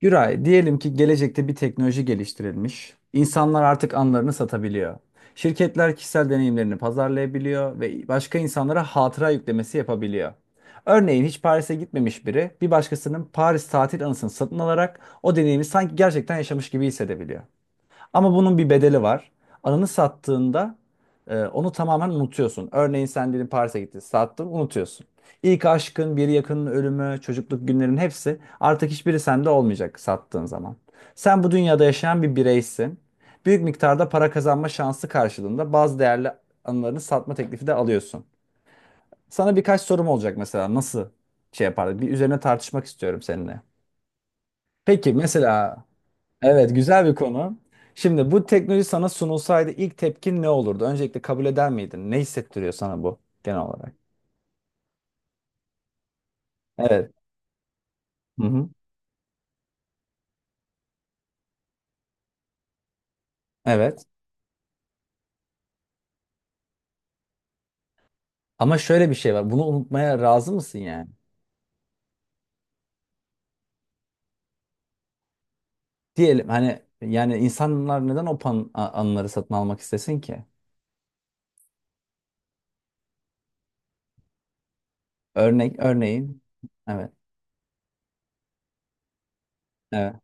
Güray, diyelim ki gelecekte bir teknoloji geliştirilmiş. İnsanlar artık anlarını satabiliyor. Şirketler kişisel deneyimlerini pazarlayabiliyor ve başka insanlara hatıra yüklemesi yapabiliyor. Örneğin hiç Paris'e gitmemiş biri bir başkasının Paris tatil anısını satın alarak o deneyimi sanki gerçekten yaşamış gibi hissedebiliyor. Ama bunun bir bedeli var. Anını sattığında onu tamamen unutuyorsun. Örneğin sen dedin Paris'e gittin, sattın, unutuyorsun. İlk aşkın, bir yakının ölümü, çocukluk günlerin hepsi artık hiçbiri sende olmayacak sattığın zaman. Sen bu dünyada yaşayan bir bireysin. Büyük miktarda para kazanma şansı karşılığında bazı değerli anılarını satma teklifi de alıyorsun. Sana birkaç sorum olacak, mesela nasıl şey yapardın? Bir üzerine tartışmak istiyorum seninle. Peki mesela. Evet, güzel bir konu. Şimdi bu teknoloji sana sunulsaydı ilk tepkin ne olurdu? Öncelikle kabul eder miydin? Ne hissettiriyor sana bu genel olarak? Evet. Hı hı. Evet. Ama şöyle bir şey var. Bunu unutmaya razı mısın yani? Diyelim hani yani insanlar neden o anıları satın almak istesin ki? Örneğin, evet. Evet.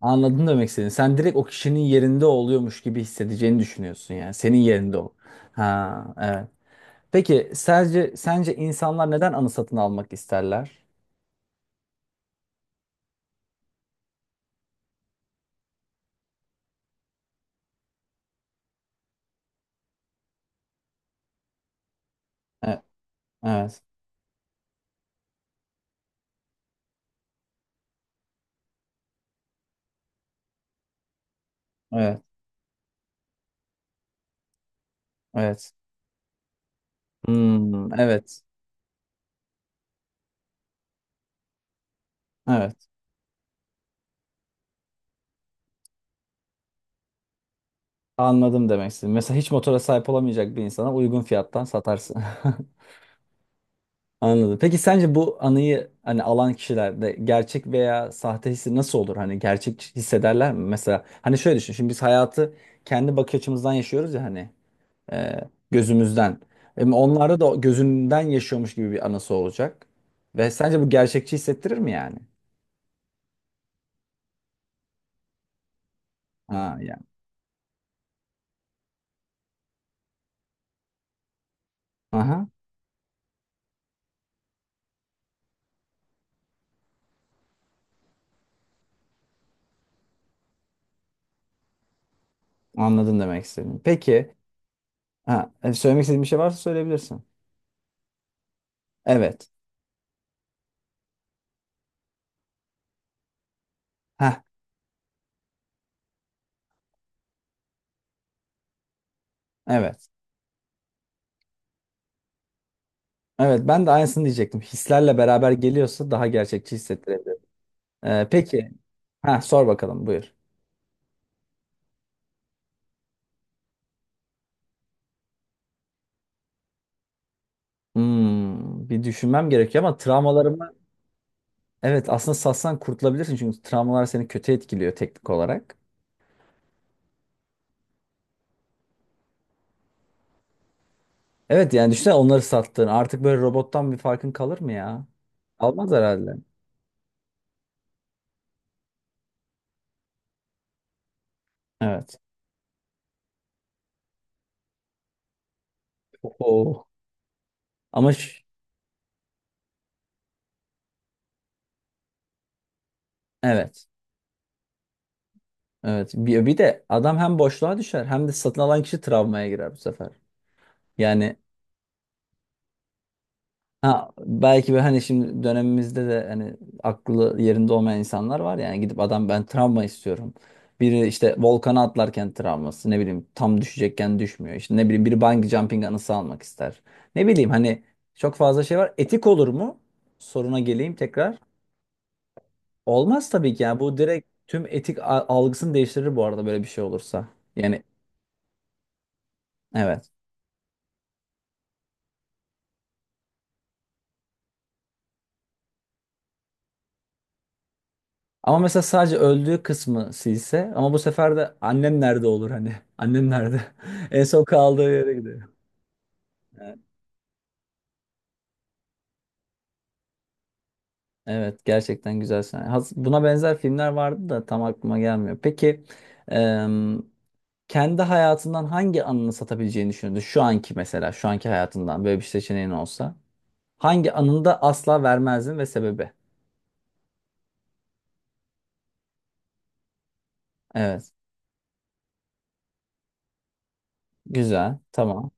Anladım demek istediğini. Sen direkt o kişinin yerinde oluyormuş gibi hissedeceğini düşünüyorsun yani. Senin yerinde ol. Ha, evet. Peki sence insanlar neden anı satın almak isterler? E- Evet, evet, evet. Hmm, evet, evet. Anladım demek istedim. Mesela hiç motora sahip olamayacak bir insana uygun fiyattan satarsın. Anladım. Peki sence bu anıyı hani alan kişilerde gerçek veya sahte hissi nasıl olur? Hani gerçek hissederler mi? Mesela hani şöyle düşün. Şimdi biz hayatı kendi bakış açımızdan yaşıyoruz ya hani. E, gözümüzden. Hem onlarda da gözünden yaşıyormuş gibi bir anısı olacak. Ve sence bu gerçekçi hissettirir mi yani? Ha yani. Aha, anladın demek istedim. Peki, ha, söylemek istediğin bir şey varsa söyleyebilirsin. Evet. Ha, evet. Evet, ben de aynısını diyecektim. Hislerle beraber geliyorsa daha gerçekçi hissettirebilir. Peki, ha sor bakalım, buyur. Hmm, bir düşünmem gerekiyor ama travmalarımı, evet, aslında satsan kurtulabilirsin çünkü travmalar seni kötü etkiliyor teknik olarak. Evet yani düşünsene, onları sattın. Artık böyle robottan bir farkın kalır mı ya? Kalmaz herhalde. Evet. Oho. Ama evet. Evet. Bir de adam hem boşluğa düşer hem de satın alan kişi travmaya girer bu sefer. Yani. Ha, belki böyle hani şimdi dönemimizde de hani aklı yerinde olmayan insanlar var yani, gidip adam ben travma istiyorum. Biri işte volkana atlarken travması, ne bileyim tam düşecekken düşmüyor. İşte ne bileyim, biri bungee jumping anısı almak ister. Ne bileyim hani çok fazla şey var. Etik olur mu? Soruna geleyim tekrar. Olmaz tabii ki yani, bu direkt tüm etik algısını değiştirir bu arada böyle bir şey olursa. Yani evet. Ama mesela sadece öldüğü kısmı silse ama bu sefer de annem nerede olur hani? Annem nerede? En son kaldığı yere gidiyor. Evet. Evet, gerçekten güzel sahne. Has- Buna benzer filmler vardı da tam aklıma gelmiyor. Peki em, kendi hayatından hangi anını satabileceğini düşündü? Şu anki mesela, şu anki hayatından böyle bir seçeneğin olsa. Hangi anını da asla vermezdin ve sebebi? Evet. Güzel. Tamam.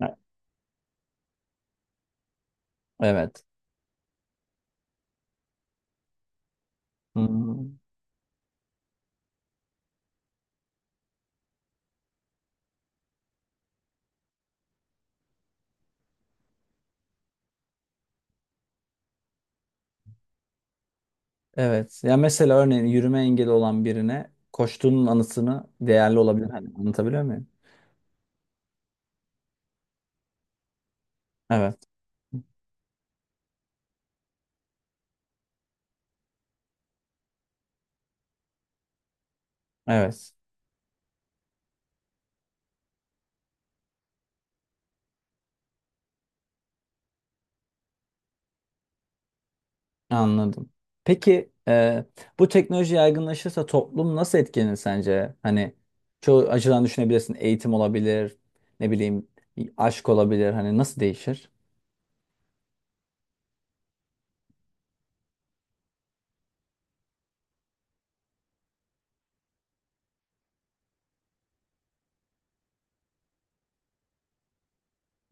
Evet. Evet. Hı. Evet. Ya mesela örneğin yürüme engeli olan birine koştuğunun anısını değerli olabilir. Hani anlatabiliyor muyum? Evet. Evet. Anladım. Peki bu teknoloji yaygınlaşırsa toplum nasıl etkilenir sence? Hani çoğu açıdan düşünebilirsin. Eğitim olabilir. Ne bileyim aşk olabilir. Hani nasıl değişir?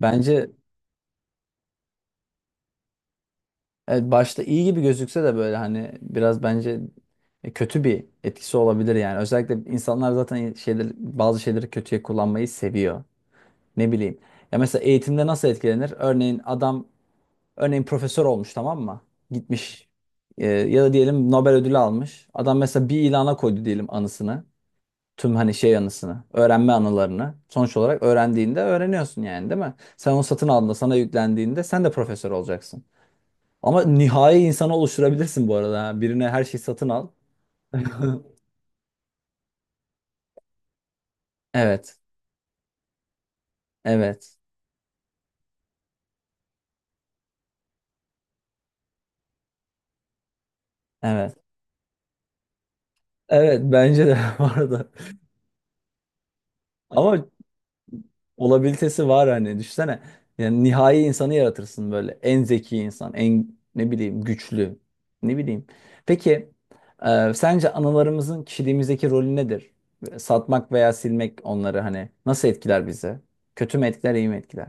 Bence. Evet, başta iyi gibi gözükse de böyle hani biraz bence kötü bir etkisi olabilir yani. Özellikle insanlar zaten bazı şeyleri kötüye kullanmayı seviyor. Ne bileyim. Ya mesela eğitimde nasıl etkilenir? Örneğin adam, örneğin profesör olmuş, tamam mı? Gitmiş, ya da diyelim Nobel ödülü almış. Adam mesela bir ilana koydu diyelim anısını. Tüm hani şey anısını, öğrenme anılarını. Sonuç olarak öğrendiğinde öğreniyorsun yani değil mi? Sen onu satın aldığında sana yüklendiğinde sen de profesör olacaksın. Ama nihai insanı oluşturabilirsin bu arada. Ha. Birine her şeyi satın al. Evet. Evet. Evet. Evet bence de bu arada. Ama olabilitesi var hani, düşünsene. Yani nihai insanı yaratırsın böyle. En zeki insan, en ne bileyim güçlü. Ne bileyim. Peki sence analarımızın kişiliğimizdeki rolü nedir? Satmak veya silmek onları hani nasıl etkiler bizi? Kötü mü etkiler, iyi mi etkiler?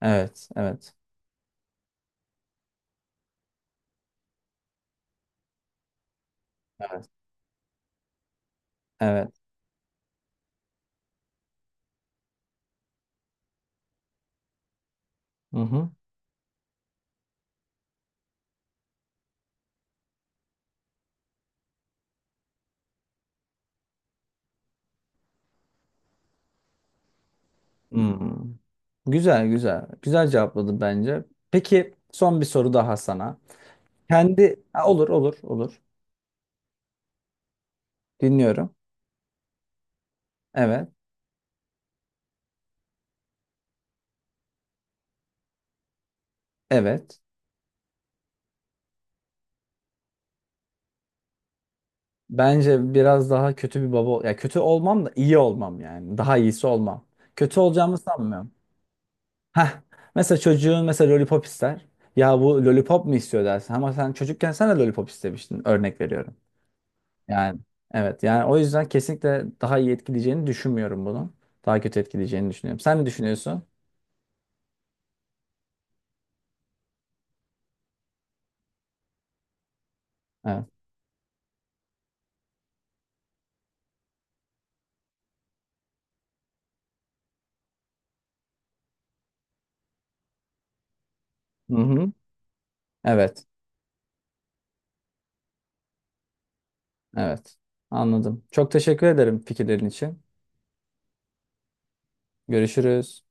Evet, evet, evet. Hı hı. Hmm. Güzel güzel. Güzel cevapladın bence. Peki son bir soru daha sana. Kendi. Ha, olur olur olur. Dinliyorum. Evet. Evet. Bence biraz daha kötü bir baba, ya kötü olmam da iyi olmam yani. Daha iyisi olmam. Kötü olacağımı sanmıyorum. Heh. Mesela çocuğun mesela lollipop ister. Ya bu lollipop mu istiyor dersin ama sen çocukken sen de lollipop istemiştin, örnek veriyorum. Yani, evet yani o yüzden kesinlikle daha iyi etkileyeceğini düşünmüyorum bunu. Daha kötü etkileyeceğini düşünüyorum. Sen ne düşünüyorsun? Evet. Hı hı. Evet. Evet. Anladım. Çok teşekkür ederim fikirlerin için. Görüşürüz.